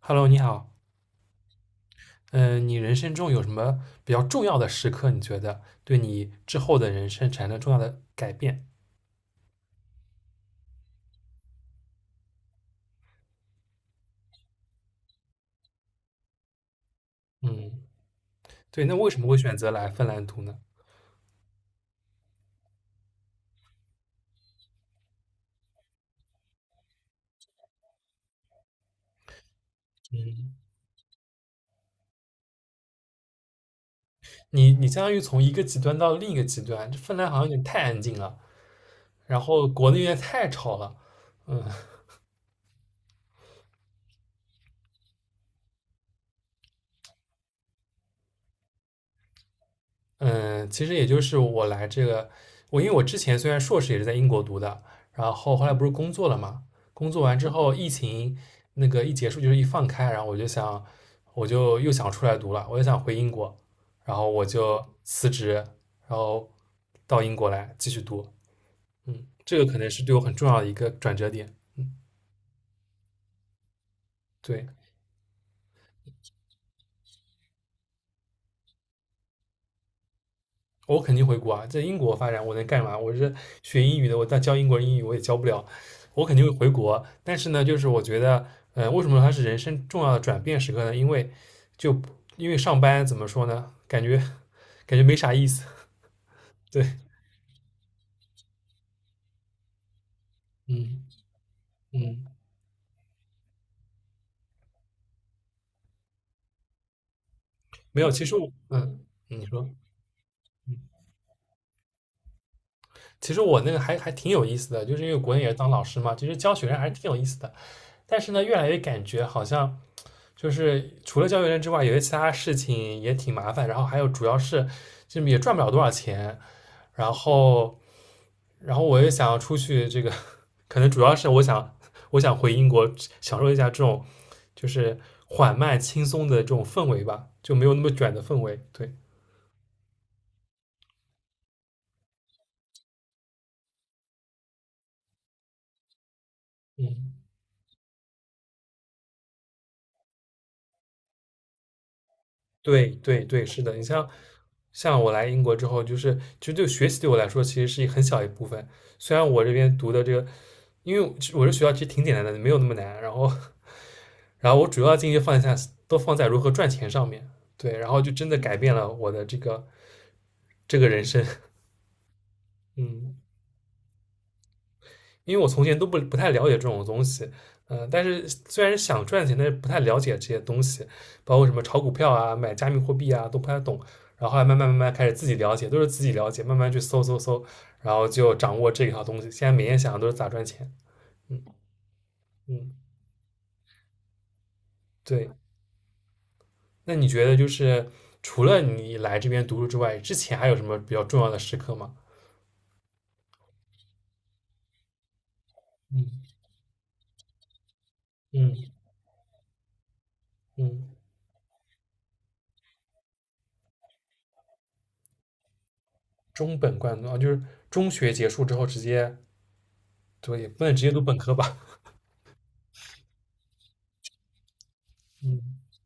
Hello，你好。嗯，你人生中有什么比较重要的时刻？你觉得对你之后的人生产生重要的改变？嗯，对。那为什么会选择来芬兰读呢？你相当于从一个极端到另一个极端，这芬兰好像有点太安静了，然后国内有点太吵了。嗯，其实也就是我来这个，因为我之前虽然硕士也是在英国读的，然后后来不是工作了嘛，工作完之后疫情那个一结束就是一放开，然后我就想，我就又想出来读了，我就想回英国，然后我就辞职，然后到英国来继续读，这个可能是对我很重要的一个转折点，嗯，对。我肯定回国啊，在英国发展我能干嘛？我是学英语的，我但教英国人英语我也教不了，我肯定会回国。但是呢，就是我觉得，为什么它是人生重要的转变时刻呢？因为就因为上班怎么说呢，感觉没啥意思。对，嗯嗯，没有。其实我，你说，其实我那个还挺有意思的，就是因为国内也是当老师嘛，其实教学生还是挺有意思的。但是呢，越来越感觉好像。就是除了教育人之外，有些其他事情也挺麻烦，然后还有主要是就也赚不了多少钱，然后然后我也想要出去，这个 可能主要是我想回英国享受一下这种就是缓慢轻松的这种氛围吧，就没有那么卷的氛围。对，嗯，对对对，是的，你像我来英国之后，就是其实对学习对我来说其实是一很小一部分，虽然我这边读的这个，因为我这学校其实挺简单的，没有那么难，然后。然后我主要精力都放在如何赚钱上面，对，然后就真的改变了我的这个人生，嗯，因为我从前都不太了解这种东西，但是虽然想赚钱，但是不太了解这些东西，包括什么炒股票啊、买加密货币啊，都不太懂。然后后来慢慢慢慢开始自己了解，都是自己了解，慢慢去搜搜搜，然后就掌握这一套东西。现在每天想的都是咋赚钱，嗯嗯，对。那你觉得就是除了你来这边读书之外，之前还有什么比较重要的时刻吗？嗯。嗯嗯，中本贯读啊，就是中学结束之后直接，对，也不能直接读本科吧？嗯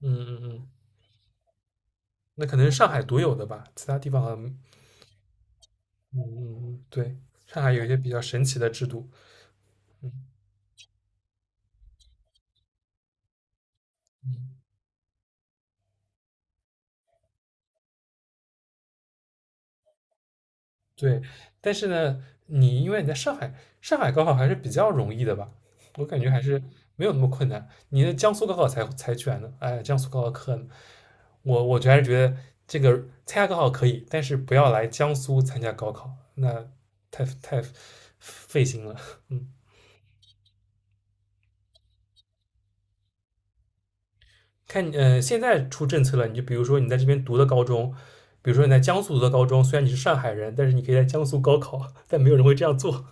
嗯嗯嗯，那可能是上海独有的吧，其他地方好像，嗯嗯嗯，对，上海有一些比较神奇的制度。嗯。对，但是呢，你因为你在上海，上海高考还是比较容易的吧？我感觉还是没有那么困难。你的江苏高考才卷呢，哎，江苏高考可能，我就还是觉得这个参加高考可以，但是不要来江苏参加高考，那太费心了。嗯，看，现在出政策了，你就比如说你在这边读的高中，比如说你在江苏读的高中，虽然你是上海人，但是你可以在江苏高考，但没有人会这样做。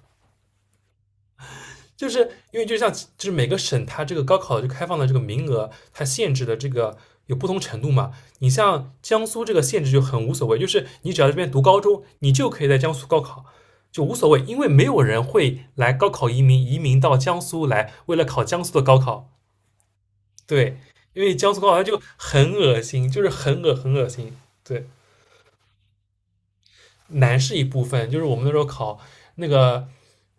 就是因为就像就是每个省它这个高考就开放的这个名额，它限制的这个有不同程度嘛。你像江苏这个限制就很无所谓，就是你只要这边读高中，你就可以在江苏高考，就无所谓，因为没有人会来高考移民到江苏来，为了考江苏的高考。对，因为江苏高考它就很恶心，就是很恶心。对，难是一部分，就是我们那时候考那个，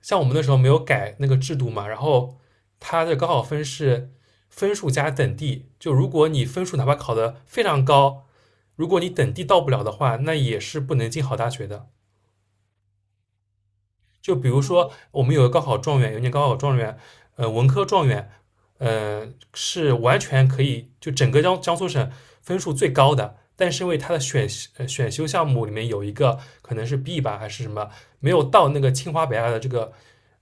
像我们那时候没有改那个制度嘛，然后它的高考分是分数加等第，就如果你分数哪怕考得非常高，如果你等第到不了的话，那也是不能进好大学的。就比如说，我们有个高考状元，有一年高考状元，文科状元，呃，是完全可以就整个江苏省分数最高的，但是因为他的选修项目里面有一个可能是 B 吧还是什么，没有到那个清华北大的这个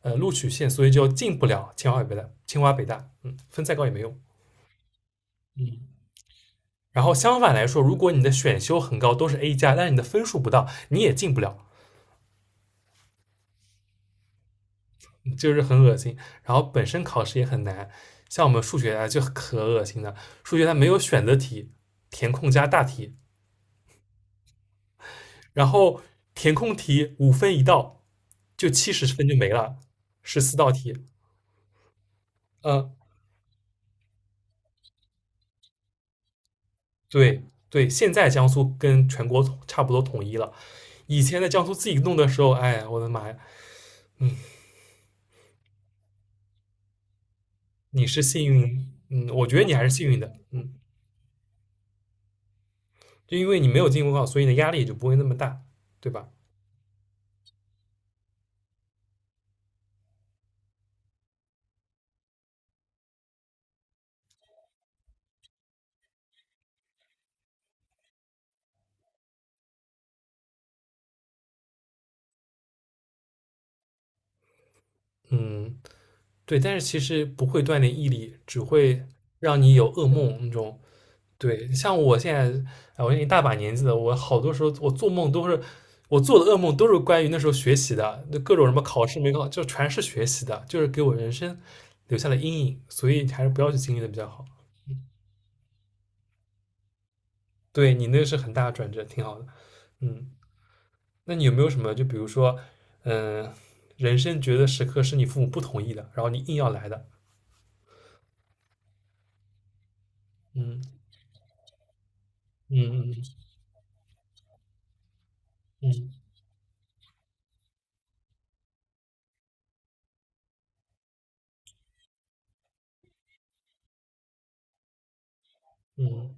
录取线，所以就进不了清华北大。清华北大，嗯，分再高也没用。然后相反来说，如果你的选修很高，都是 A+，但是你的分数不到，你也进不了。就是很恶心。然后本身考试也很难，像我们数学啊就可恶心了，数学它没有选择题，填空加大题，然后填空题5分一道，就70分就没了，14道题。嗯，对对，现在江苏跟全国差不多统一了。以前在江苏自己弄的时候，哎呀我的妈呀，嗯，你是幸运，嗯，我觉得你还是幸运的，嗯，就因为你没有进公告，所以你的压力也就不会那么大，对吧？嗯，对，但是其实不会锻炼毅力，只会让你有噩梦那种。对，像我现在，哎，我已经一大把年纪了，我好多时候我做的噩梦都是关于那时候学习的，那各种什么考试没考，就全是学习的，就是给我人生留下了阴影，所以还是不要去经历的比较好。对你那个是很大的转折，挺好的。嗯，那你有没有什么，就比如说，嗯、人生觉得时刻是你父母不同意的，然后你硬要来的？嗯嗯嗯嗯嗯嗯。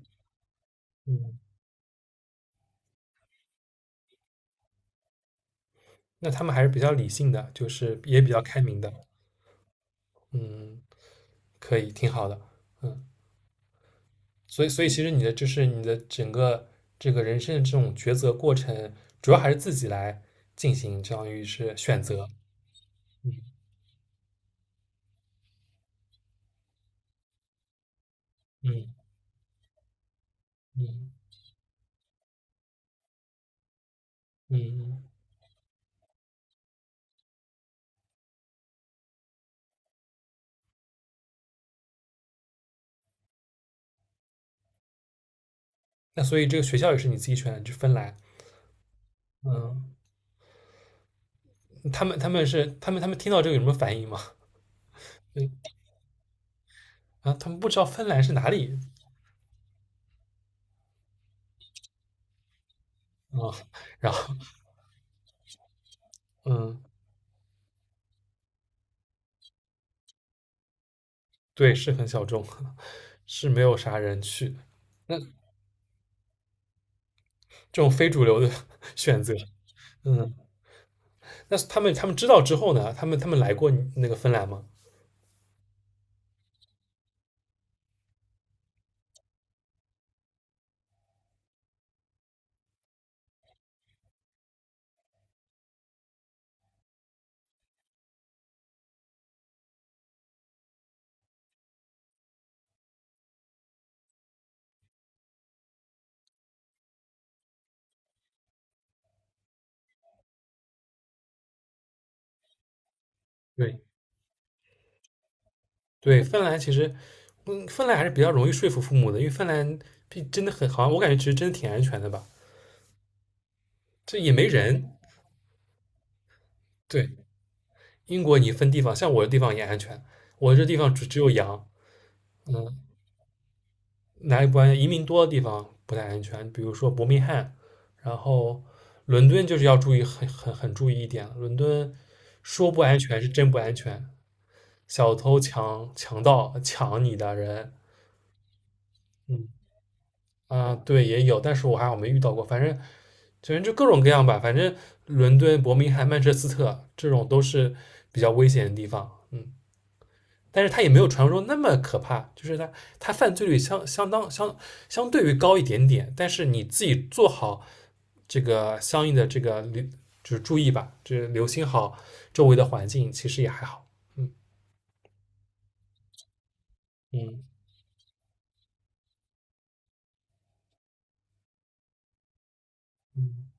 嗯那他们还是比较理性的，就是也比较开明的。嗯，可以，挺好的。所以，所以其实你的就是你的整个这个人生的这种抉择过程，主要还是自己来进行，相当于是选择。嗯嗯嗯嗯。那所以这个学校也是你自己选的，就芬兰。嗯，他们他们是他们他们听到这个有什么反应吗？嗯，啊，他们不知道芬兰是哪里啊，然后嗯，对，是很小众，是没有啥人去。这种非主流的 选择。嗯，那他们知道之后呢？他们来过那个芬兰吗？对对，芬兰其实，芬兰还是比较容易说服父母的，因为芬兰毕真的很好像我感觉其实真的挺安全的吧，这也没人。对，英国你分地方，像我的地方也安全，我这地方只有羊，嗯，哪里不安全？移民多的地方不太安全，比如说伯明翰，然后伦敦就是要注意很注意一点了，伦敦说不安全是真不安全，小偷强盗抢你的人，嗯啊，对，也有，但是我还好没遇到过。反正，就各种各样吧。反正伦敦、伯明翰、曼彻斯特这种都是比较危险的地方。嗯，但是它也没有传说中那么可怕，就是它犯罪率相相当相相对于高一点点。但是你自己做好这个相应的这个留就是注意吧，就是留心好周围的环境，其实也还好。嗯嗯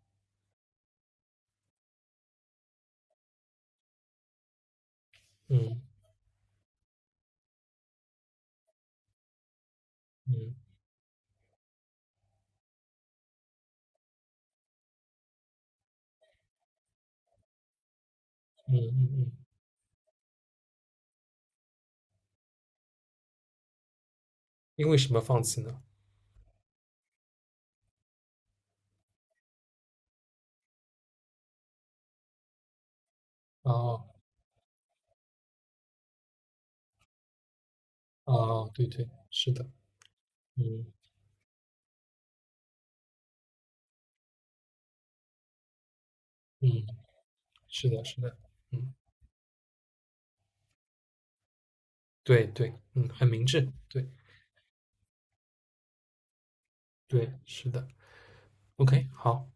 嗯嗯嗯嗯嗯嗯。嗯嗯嗯因为什么放弃呢？哦哦，对对，是的，嗯嗯，是的，是的，嗯，对对，嗯，很明智，对对，是的，OK，好。